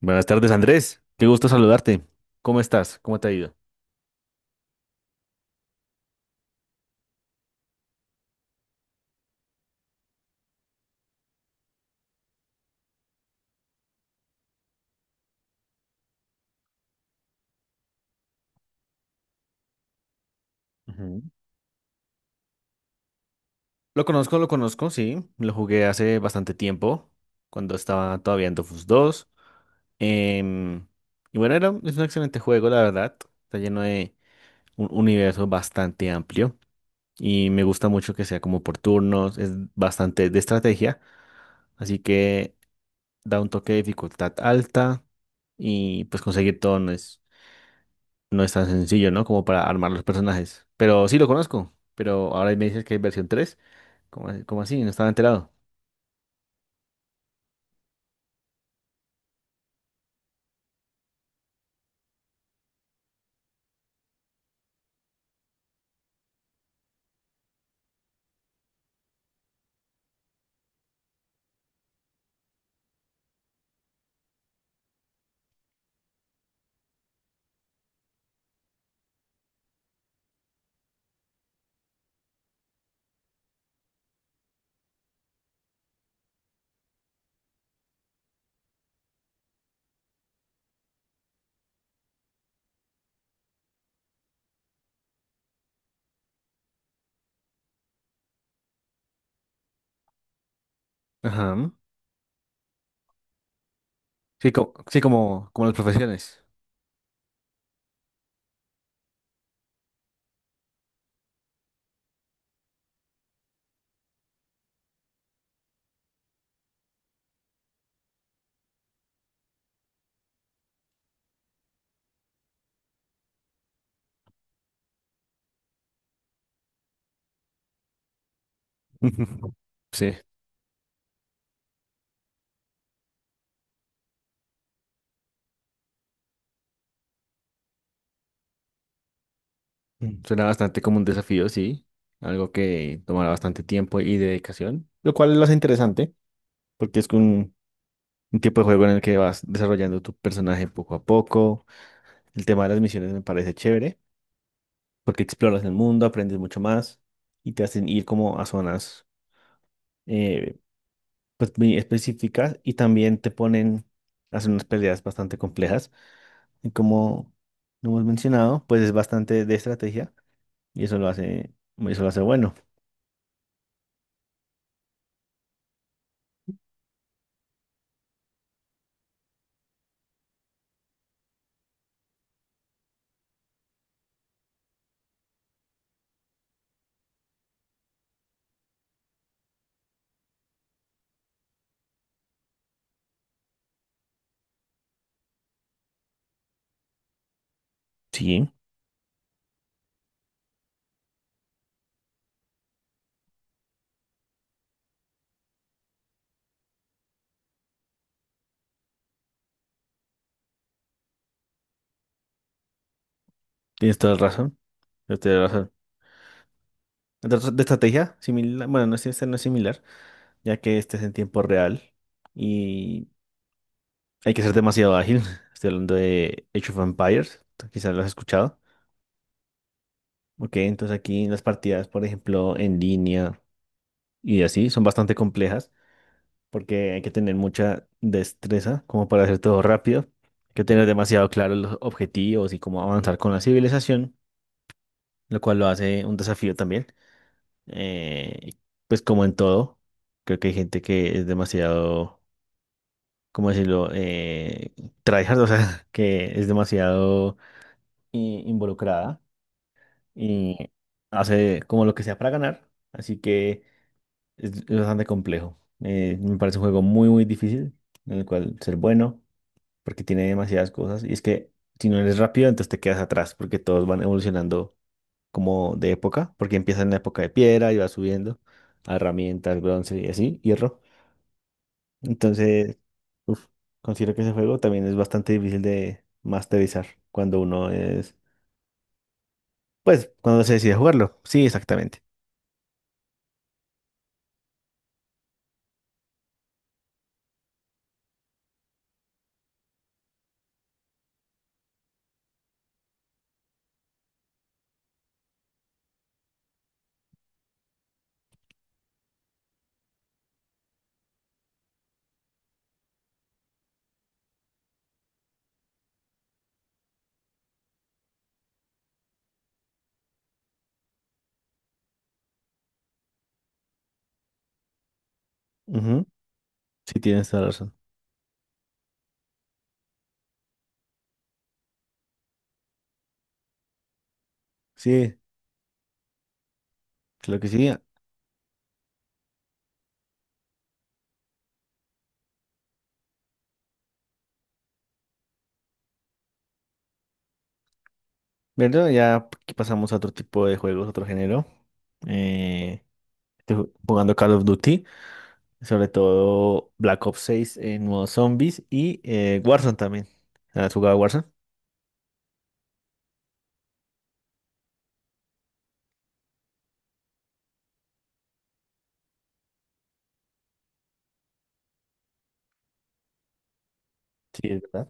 Buenas tardes, Andrés. Qué gusto saludarte. ¿Cómo estás? ¿Cómo te ha ido? Ujú. Lo conozco, sí. Lo jugué hace bastante tiempo, cuando estaba todavía en Dofus dos. Em, y bueno, es un excelente juego, la verdad. Está lleno de un universo bastante amplio. Y me gusta mucho que sea como por turnos, es bastante de estrategia. Así que da un toque de dificultad alta. Y pues conseguir todo no es tan sencillo, ¿no? Como para armar los personajes. Pero sí lo conozco. Pero ahora me dices que hay versión 3. ¿Cómo, cómo así? No estaba enterado. Ajá. Sí, sí, como, como las profesiones. Sí. Mm. Suena bastante como un desafío, sí. Algo que tomará bastante tiempo y dedicación. Lo cual lo hace interesante. Porque es un tipo de juego en el que vas desarrollando tu personaje poco a poco. El tema de las misiones me parece chévere. Porque exploras el mundo, aprendes mucho más. Y te hacen ir como a zonas. eh, pues, muy específicas y también te ponen a hacer unas peleas bastante complejas. Y como lo hemos mencionado, pues es bastante de estrategia y eso lo eso lo hace bueno. Sí, tienes toda la razón. Tienes toda la razón. Entonces, de estrategia, similar, bueno, no es, este no es similar, ya que este es en tiempo real y hay que ser demasiado ágil. Estoy hablando de Age of Empires, quizás lo has escuchado. Ok, entonces aquí las partidas, por ejemplo, en línea y así, son bastante complejas porque hay que tener mucha destreza como para hacer todo rápido. Hay que tener demasiado claro los objetivos y cómo avanzar con la civilización, lo cual lo hace un desafío también. Y pues como en todo, creo que hay gente que es demasiado, ¿cómo decirlo? Tryhard, o sea, que es demasiado involucrada y hace como lo que sea para ganar. Así que es bastante complejo. Me parece un juego muy, muy difícil, en el cual ser bueno, porque tiene demasiadas cosas. Y es que si no eres rápido, entonces te quedas atrás, porque todos van evolucionando como de época, porque empieza en la época de piedra y va subiendo a herramientas, bronce y así, hierro. Entonces, uf, considero que ese juego también es bastante difícil de masterizar cuando uno es, pues, cuando se decide jugarlo. Sí, exactamente. Ujú. Sí, tienes toda la razón. Sí, claro que sí. Bueno, ya aquí pasamos a otro tipo de juegos, otro género. Eh, Estoy jugando Call of Duty. Sobre todo Black Ops 6 en modo zombies y Warzone también. ¿Has jugado Warzone? Sí, es verdad.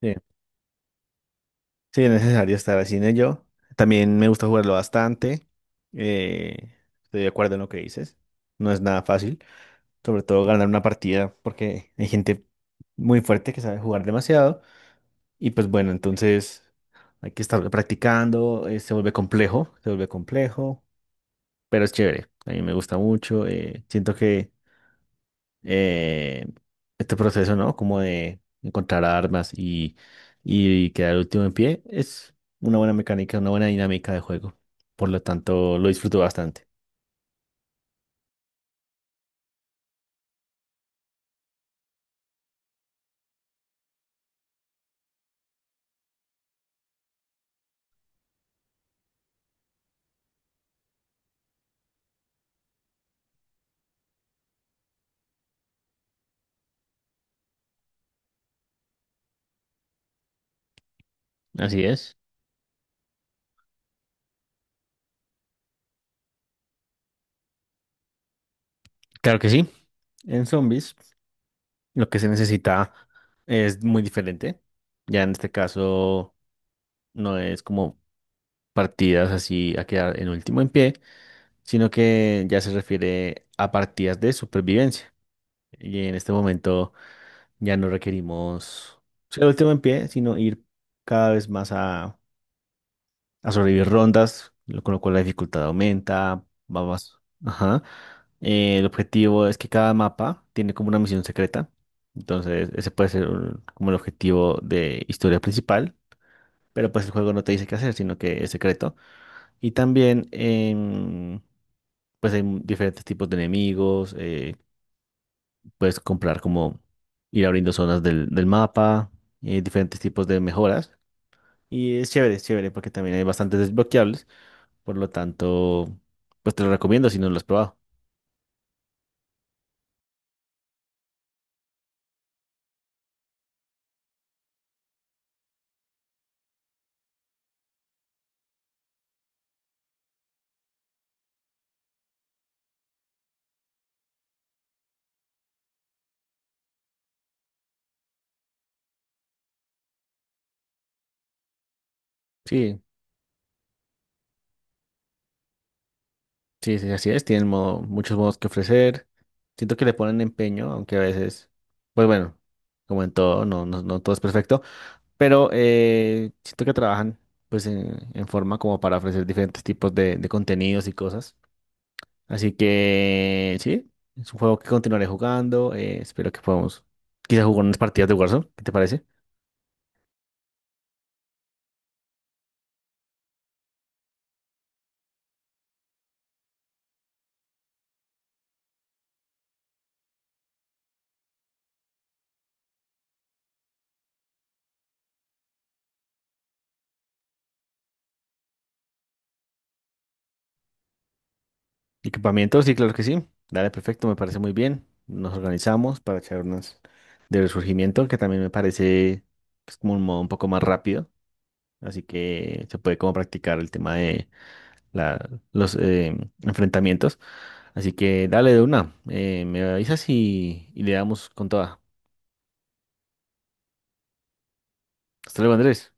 Sí. Sí, es necesario estar así en ello. También me gusta jugarlo bastante. Eh, Estoy de acuerdo en lo que dices. No es nada fácil. Sobre todo ganar una partida porque hay gente muy fuerte que sabe jugar demasiado. Y pues bueno, entonces hay que estar practicando. Se vuelve complejo, se vuelve complejo, pero es chévere. A mí me gusta mucho. Siento que eh, este proceso, ¿no? Como de encontrar armas y quedar último en pie, es una buena mecánica, una buena dinámica de juego. Por lo tanto, lo disfruto bastante. Así es. Claro que sí. En zombies, lo que se necesita es muy diferente. Ya en este caso, no es como partidas así a quedar en último en pie, sino que ya se refiere a partidas de supervivencia. Y en este momento... Ya no requerimos ser el último en pie, sino ir cada vez más a sobrevivir rondas, con lo cual la dificultad aumenta, va más. Ajá. El objetivo es que cada mapa tiene como una misión secreta. Entonces, ese puede ser como el objetivo de historia principal, pero pues el juego no te dice qué hacer, sino que es secreto. Y también, pues hay diferentes tipos de enemigos, puedes comprar como ir abriendo zonas del mapa, diferentes tipos de mejoras. Y es chévere, porque también hay bastantes desbloqueables. Por lo tanto, pues te lo recomiendo si no lo has probado. Sí, sí, sí, así es. Tienen modo- muchos modos que ofrecer. Siento que le ponen empeño, aunque a veces, pues bueno, como en todo, no, no, no todo es perfecto. Pero siento que trabajan pues en forma como para ofrecer diferentes tipos de contenidos y cosas. Así que sí, es un juego que continuaré jugando. Espero que podamos quizás jugar unas partidas de Warzone. ¿Qué te parece? Equipamiento, sí, claro que sí. Dale, perfecto, me parece muy bien. Nos organizamos para charlas de resurgimiento, que también me parece pues, como un modo un poco más rápido. Así que se puede como practicar el tema de los enfrentamientos. Así que dale de una. Me avisas y le damos con toda. Hasta luego, Andrés.